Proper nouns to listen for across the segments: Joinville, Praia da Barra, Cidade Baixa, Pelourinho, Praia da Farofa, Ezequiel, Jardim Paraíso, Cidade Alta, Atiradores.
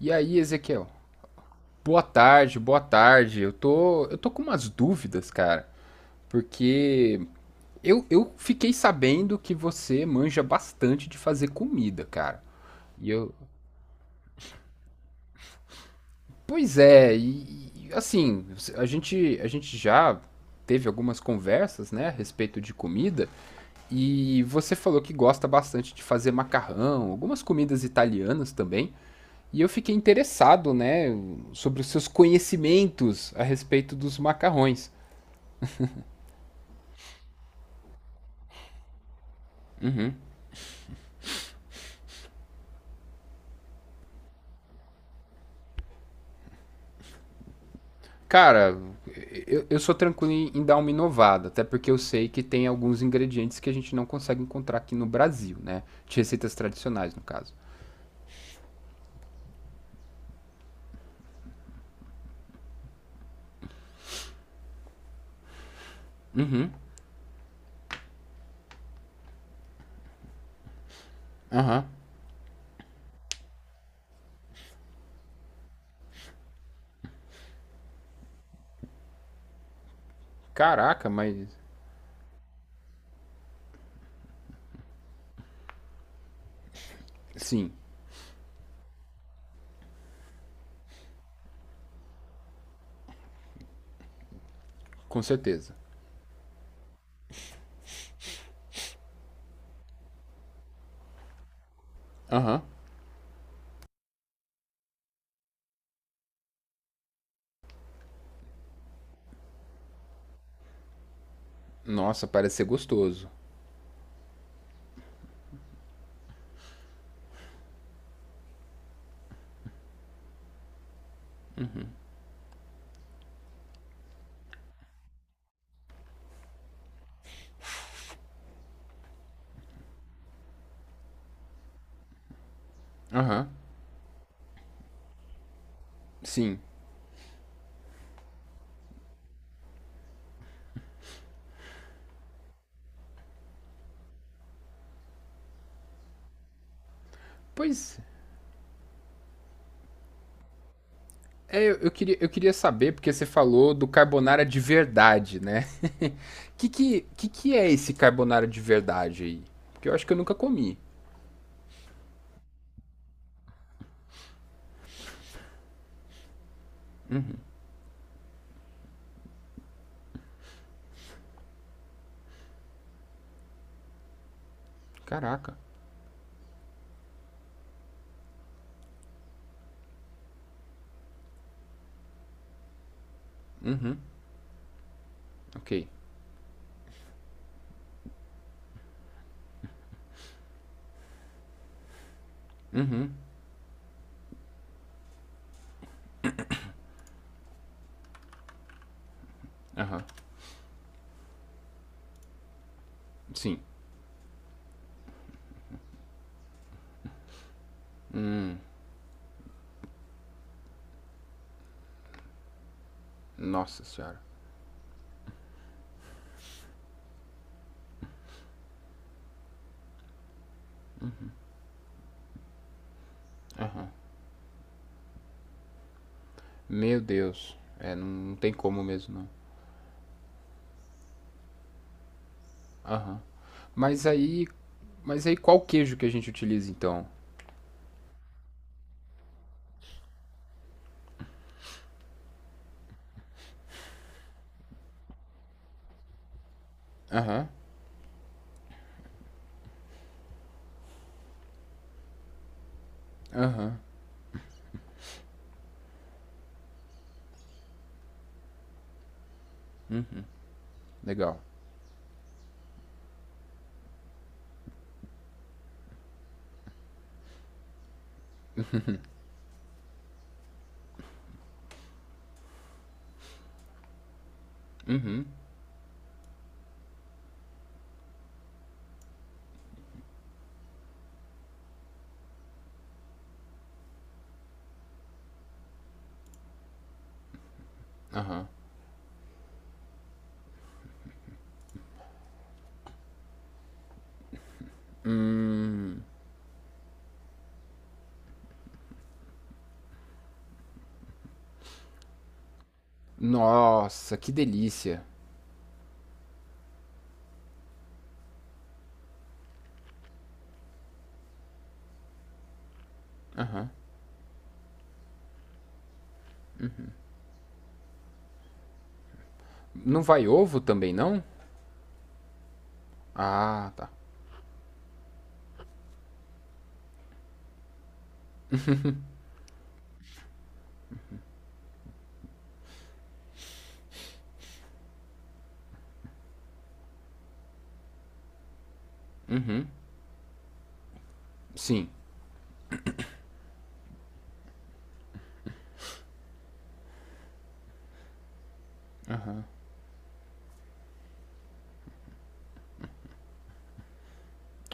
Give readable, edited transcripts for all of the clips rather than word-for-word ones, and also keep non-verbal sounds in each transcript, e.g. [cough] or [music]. E aí, Ezequiel? Boa tarde, boa tarde. Eu tô com umas dúvidas, cara, porque eu fiquei sabendo que você manja bastante de fazer comida, cara. E eu, pois é, assim, a gente já teve algumas conversas, né, a respeito de comida, e você falou que gosta bastante de fazer macarrão, algumas comidas italianas também. E eu fiquei interessado, né, sobre os seus conhecimentos a respeito dos macarrões. Cara, eu sou tranquilo em, dar uma inovada, até porque eu sei que tem alguns ingredientes que a gente não consegue encontrar aqui no Brasil, né? De receitas tradicionais, no caso. Aham. Caraca, mas. Sim, com certeza. Aham. Nossa, parece ser gostoso. Aham. Sim. Pois é, eu queria, eu queria saber, porque você falou do carbonara de verdade, né? [laughs] Que que é esse carbonara de verdade aí? Porque eu acho que eu nunca comi. Caraca. Uhum, ok. Uhum. Aham. Sim. Nossa senhora. Aham. Meu Deus. É, não tem como mesmo, não. Aham. Mas aí. Mas aí qual queijo que a gente utiliza então? Aham. Aham. Legal. Aham. Nossa, que delícia. Aham. Não vai ovo também, não? Ah, tá. Uhum. Sim. Aham.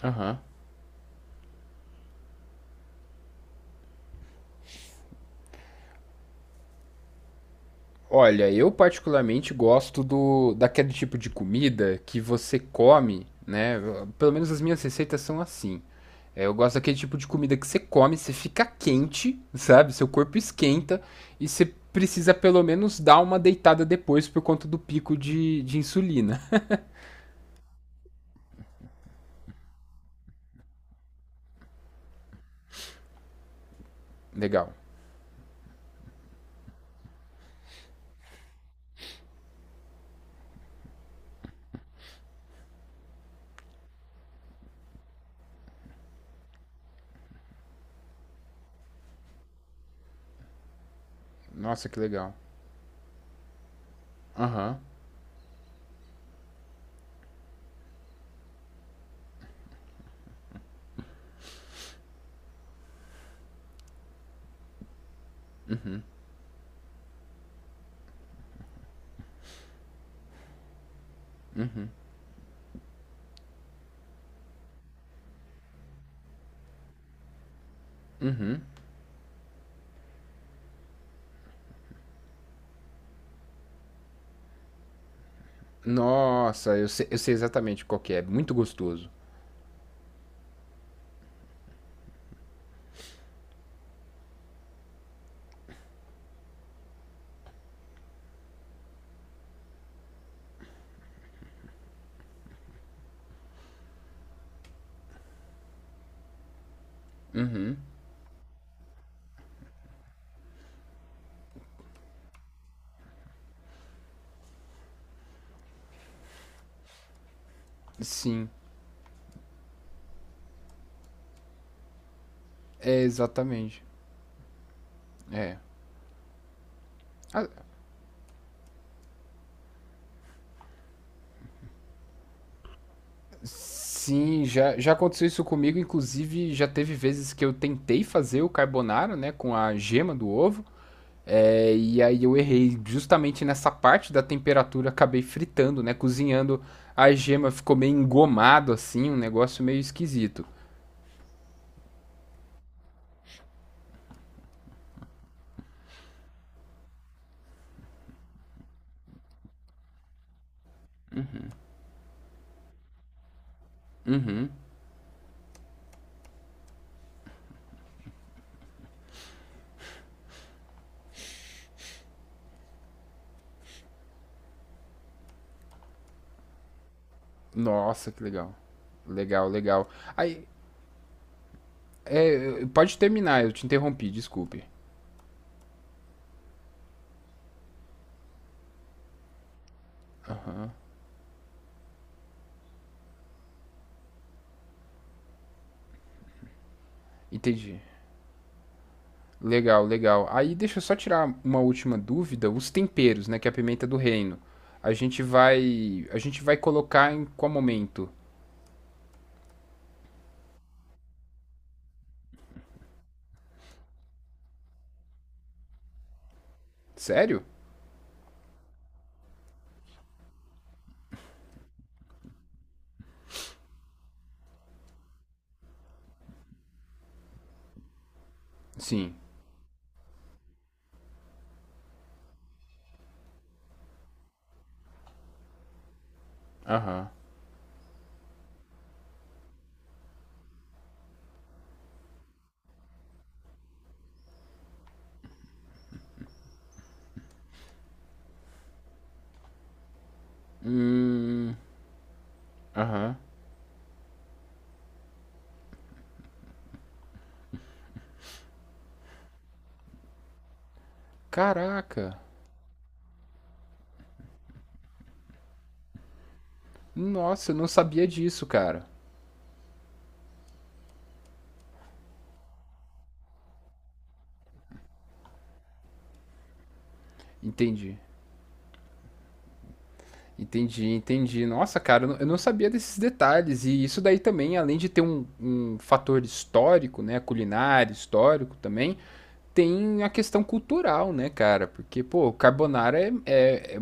Aham. Olha, eu particularmente gosto do daquele tipo de comida que você come, né? Pelo menos as minhas receitas são assim. É, eu gosto daquele tipo de comida que você come, você fica quente, sabe? Seu corpo esquenta e você precisa pelo menos dar uma deitada depois por conta do pico de insulina. [laughs] Legal. Nossa, que legal. Aham. Uhum. Nossa, eu sei exatamente qual que é. Muito gostoso. Sim, é exatamente. É. Ah, sim, já aconteceu isso comigo. Inclusive, já teve vezes que eu tentei fazer o carbonara, né, com a gema do ovo. É, e aí eu errei justamente nessa parte da temperatura, acabei fritando, né, cozinhando a gema, ficou meio engomado assim, um negócio meio esquisito. Uhum. Nossa, que legal. Legal, legal. Aí, pode terminar, eu te interrompi, desculpe. Aham. Entendi. Legal, legal. Aí deixa eu só tirar uma última dúvida, os temperos, né, que é a pimenta do reino. A gente vai colocar em qual momento? Sério? Sim. Aham. Aham. Caraca. Nossa, eu não sabia disso, cara. Entendi. Entendi, entendi. Nossa, cara, eu não sabia desses detalhes. E isso daí também, além de ter um, um fator histórico, né, culinário, histórico também, tem a questão cultural, né, cara? Porque, pô, carbonara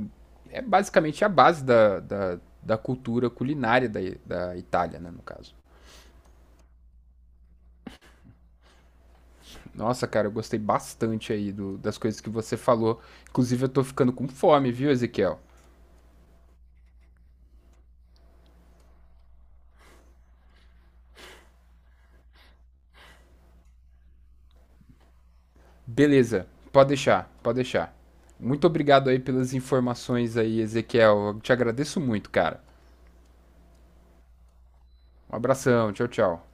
é basicamente a base da, da cultura culinária da, da Itália, né, no caso. Nossa, cara, eu gostei bastante aí do- das coisas que você falou. Inclusive, eu tô ficando com fome, viu, Ezequiel? Beleza, pode deixar, pode deixar. Muito obrigado aí pelas informações aí, Ezequiel. Eu te agradeço muito, cara. Um abração, tchau, tchau.